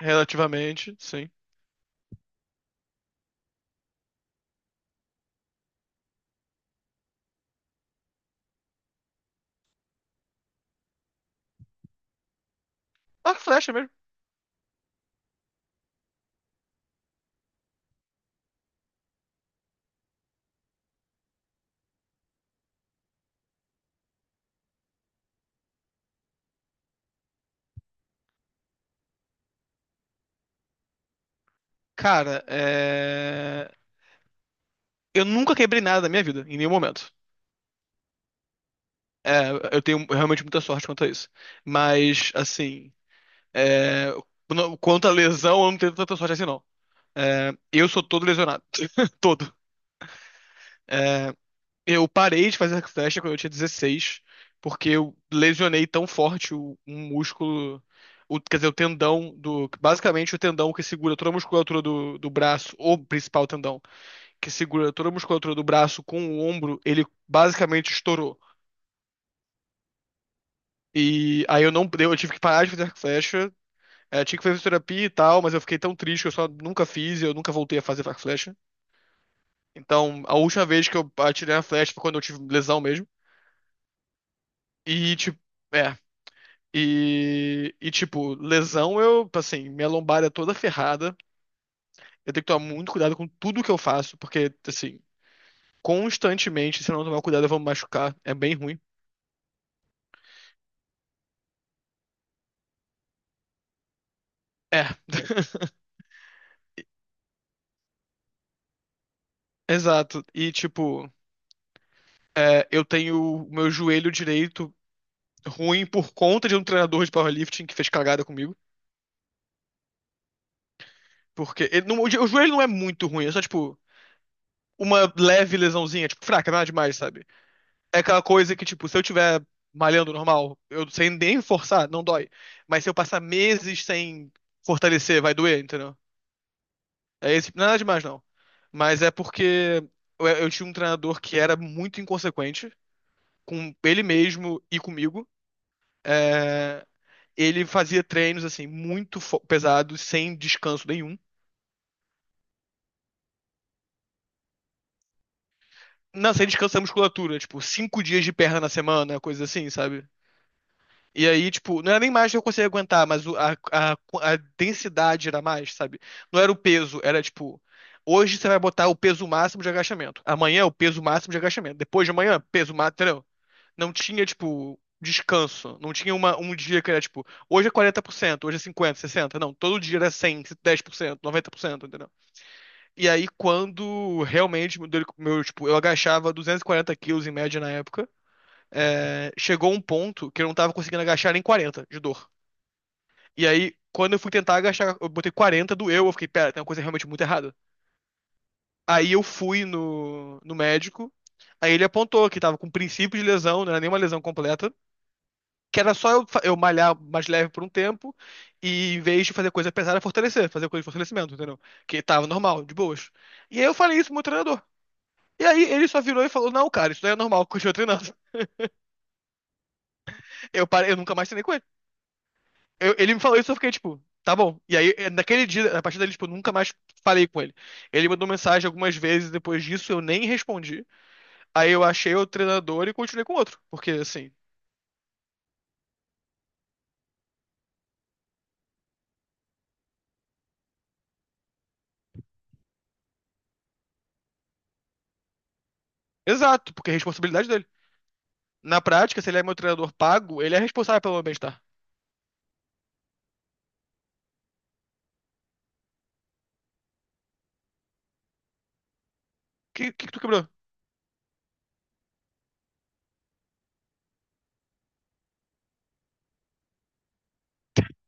Relativamente, sim. Arco e flecha mesmo. Cara, eu nunca quebrei nada na minha vida, em nenhum momento. É, eu tenho realmente muita sorte quanto a isso. Mas, assim, é... quanto à lesão, eu não tenho tanta sorte assim, não. É, eu sou todo lesionado. Todo. Eu parei de fazer arco e flecha quando eu tinha 16, porque eu lesionei tão forte um músculo, quer dizer, basicamente o tendão que segura toda a musculatura do braço, o principal tendão, que segura toda a musculatura do braço com o ombro, ele basicamente estourou. E aí eu não, eu tive que parar de fazer arco e flecha. É, tinha que fazer terapia e tal, mas eu fiquei tão triste que eu só nunca fiz e eu nunca voltei a fazer arco e flecha. Então, a última vez que eu atirei a flecha foi quando eu tive lesão mesmo. E, tipo, é. E, tipo, lesão eu, assim, minha lombar é toda ferrada. Eu tenho que tomar muito cuidado com tudo que eu faço, porque, assim, constantemente, se eu não tomar cuidado, eu vou me machucar. É bem ruim. Exato. E, tipo, eu tenho o meu joelho direito ruim por conta de um treinador de powerlifting que fez cagada comigo. Porque ele não- o jo- o joelho não é muito ruim, é só, tipo, uma leve lesãozinha, tipo, fraca, nada demais, sabe? É aquela coisa que, tipo, se eu tiver malhando normal, eu sem nem forçar, não dói. Mas se eu passar meses sem fortalecer, vai doer, entendeu? É esse, nada demais, não. Mas é porque eu tinha um treinador que era muito inconsequente com ele mesmo e comigo. É, ele fazia treinos, assim, muito pesados, sem descanso nenhum. Não, sem descanso da musculatura, tipo, 5 dias de perna na semana, coisa assim, sabe? E aí, tipo, não era nem mais que eu conseguia aguentar, mas a densidade era mais, sabe? Não era o peso, era tipo, hoje você vai botar o peso máximo de agachamento, amanhã é o peso máximo de agachamento, depois de amanhã, peso máximo, entendeu? Não tinha, tipo, descanso, não tinha um dia que era, tipo, hoje é 40%, hoje é 50%, 60%, não, todo dia era 100%, 10%, 90%, entendeu? E aí, quando realmente tipo, eu agachava 240 quilos em média na época, chegou um ponto que eu não tava conseguindo agachar nem 40 de dor. E aí, quando eu fui tentar agachar, eu botei 40, doeu, eu fiquei, pera, tem uma coisa realmente muito errada. Aí eu fui no médico, aí ele apontou que tava com princípio de lesão, não era nenhuma lesão completa, que era só eu malhar mais leve por um tempo e em vez de fazer coisa pesada, fortalecer, fazer coisa de fortalecimento, entendeu? Que tava normal, de boas. E aí eu falei isso pro meu treinador. E aí ele só virou e falou, não, cara, isso daí é normal, continua treinando. Eu parei, eu nunca mais treinei com ele. Ele me falou isso, eu fiquei, tipo, tá bom. E aí, naquele dia, a partir dali, tipo, eu nunca mais falei com ele. Ele mandou mensagem algumas vezes, depois disso eu nem respondi. Aí eu achei o treinador e continuei com outro. Porque, assim, exato, porque é responsabilidade dele. Na prática, se ele é meu treinador pago, ele é responsável pelo meu bem-estar. O que, que tu quebrou?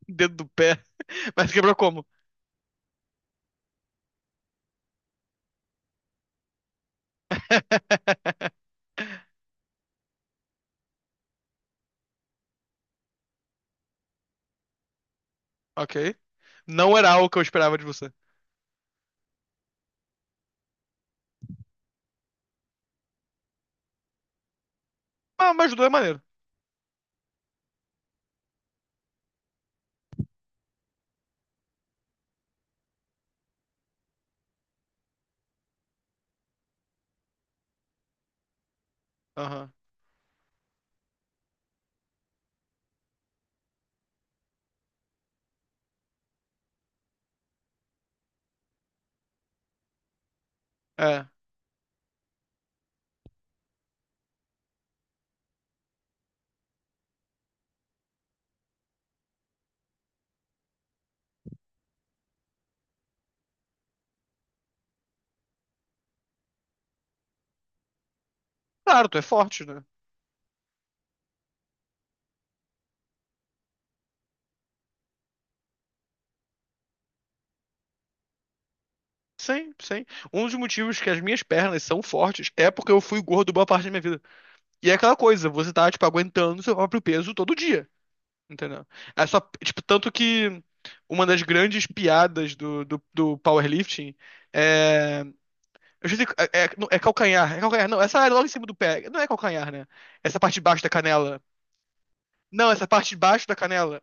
Dedo do pé. Mas quebrou como? Ok. Não era algo que eu esperava de você. Ah, mas ajudou, é maneiro. Aham. É. Claro, tu é forte, né? Sim, sim. Um dos motivos que as minhas pernas são fortes é porque eu fui gordo boa parte da minha vida. E é aquela coisa, você tá, tipo, aguentando seu próprio peso todo dia, entendeu? É só, tipo, tanto que uma das grandes piadas do powerlifting é... Eu já sei, não, é calcanhar, não, essa área logo em cima do pé, não é calcanhar, né? Essa parte de baixo da canela. Não, essa parte de baixo da canela.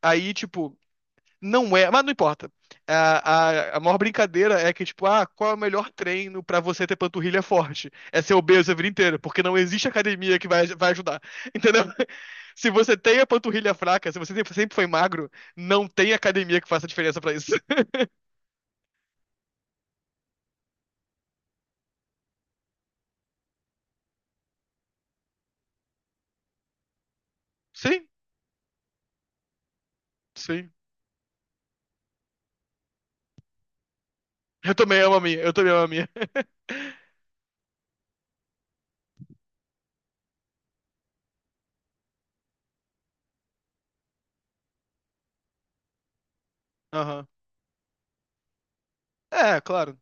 Aí, tipo, não é, mas não importa. A maior brincadeira é que, tipo, ah, qual é o melhor treino pra você ter panturrilha forte? É ser obeso a vida inteira, porque não existe academia que vai ajudar. Entendeu? Se você tem a panturrilha fraca, se você sempre sempre foi magro, não tem academia que faça diferença pra isso. Sim, sim. Eu também amo a minha, eu também amo a minha. Aham. É, claro.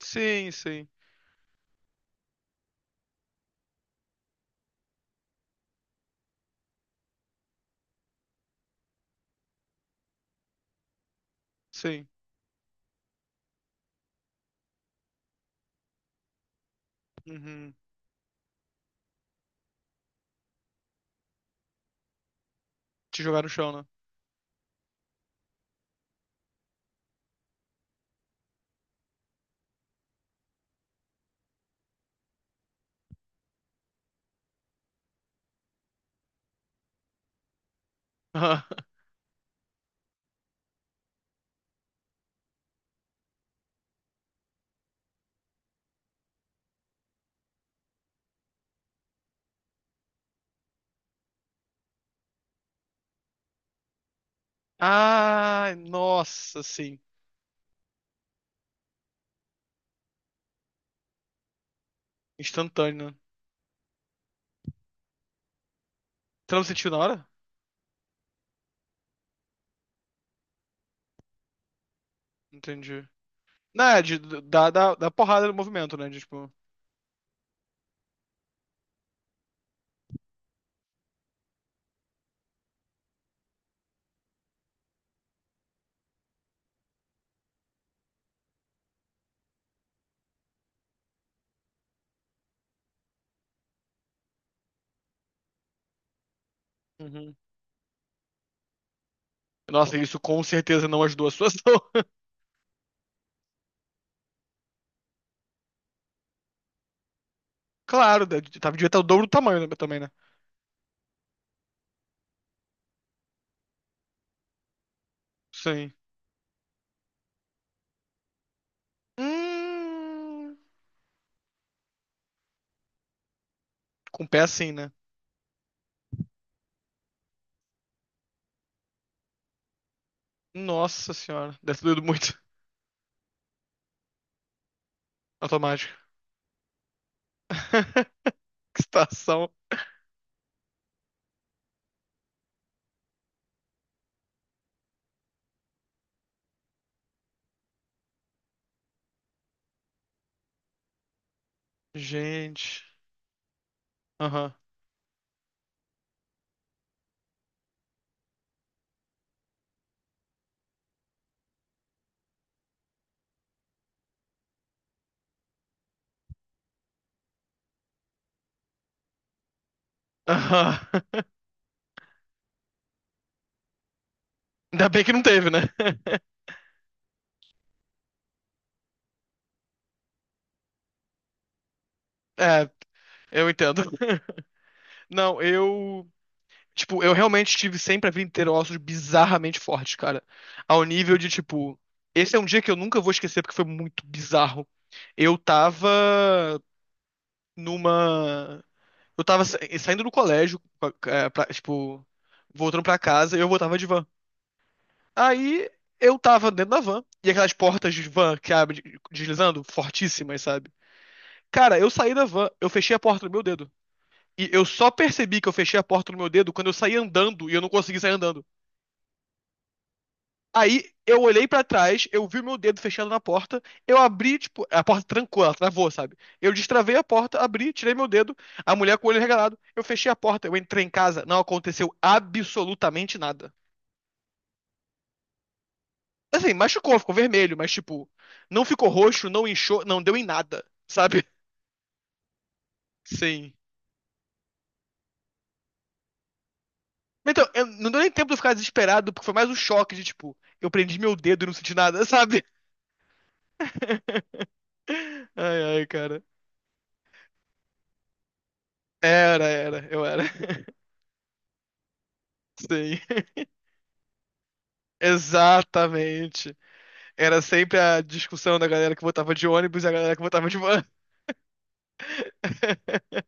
Sim, sim, sim. Uhum. Te jogar no chão, né? Ah, nossa, sim. Instantâneo, né? Você não sentiu na hora? Entendi. Não, da porrada no movimento, né? De, tipo. Uhum. Nossa, isso com certeza não ajudou a situação. Claro, né, de- tava devia estar o dobro do tamanho né, também, né? Sim. Hum, com o pé assim, né? Nossa senhora, deve ter doído muito. Automático. Que situação. Gente. Aham. Aham. Ainda bem que não teve, né? É, eu entendo. Não, eu. Tipo, eu realmente tive sempre a vida inteira ossos bizarramente fortes, cara. Ao nível de, tipo, esse é um dia que eu nunca vou esquecer porque foi muito bizarro. Eu tava numa. Eu tava saindo do colégio, tipo, voltando pra casa, e eu voltava de van. Aí eu tava dentro da van, e aquelas portas de van que abre deslizando, fortíssimas, sabe? Cara, eu saí da van, eu fechei a porta no meu dedo. E eu só percebi que eu fechei a porta no meu dedo quando eu saí andando e eu não consegui sair andando. Aí eu olhei pra trás, eu vi meu dedo fechado na porta, eu abri, tipo, a porta trancou, ela travou, sabe? Eu destravei a porta, abri, tirei meu dedo, a mulher com o olho regalado, eu fechei a porta, eu entrei em casa, não aconteceu absolutamente nada. Assim, machucou, ficou vermelho, mas tipo, não ficou roxo, não inchou, não deu em nada, sabe? Sim. Então, não deu nem tempo de eu ficar desesperado, porque foi mais um choque de tipo, eu prendi meu dedo e não senti nada, sabe? Ai, ai, cara. Era, era, eu era. Sim. Exatamente. Era sempre a discussão da galera que votava de ônibus e a galera que votava de van.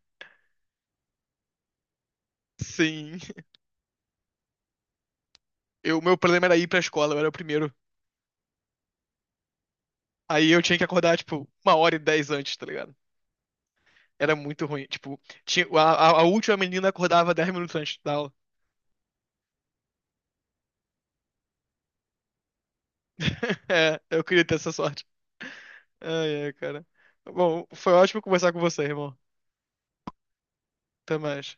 Sim. Meu problema era ir pra escola, eu era o primeiro. Aí eu tinha que acordar, tipo, uma hora e dez antes, tá ligado? Era muito ruim. Tipo, a última menina acordava 10 minutos antes da aula. É, eu queria ter essa sorte. Ai, ai, cara. Bom, foi ótimo conversar com você, irmão. Até mais.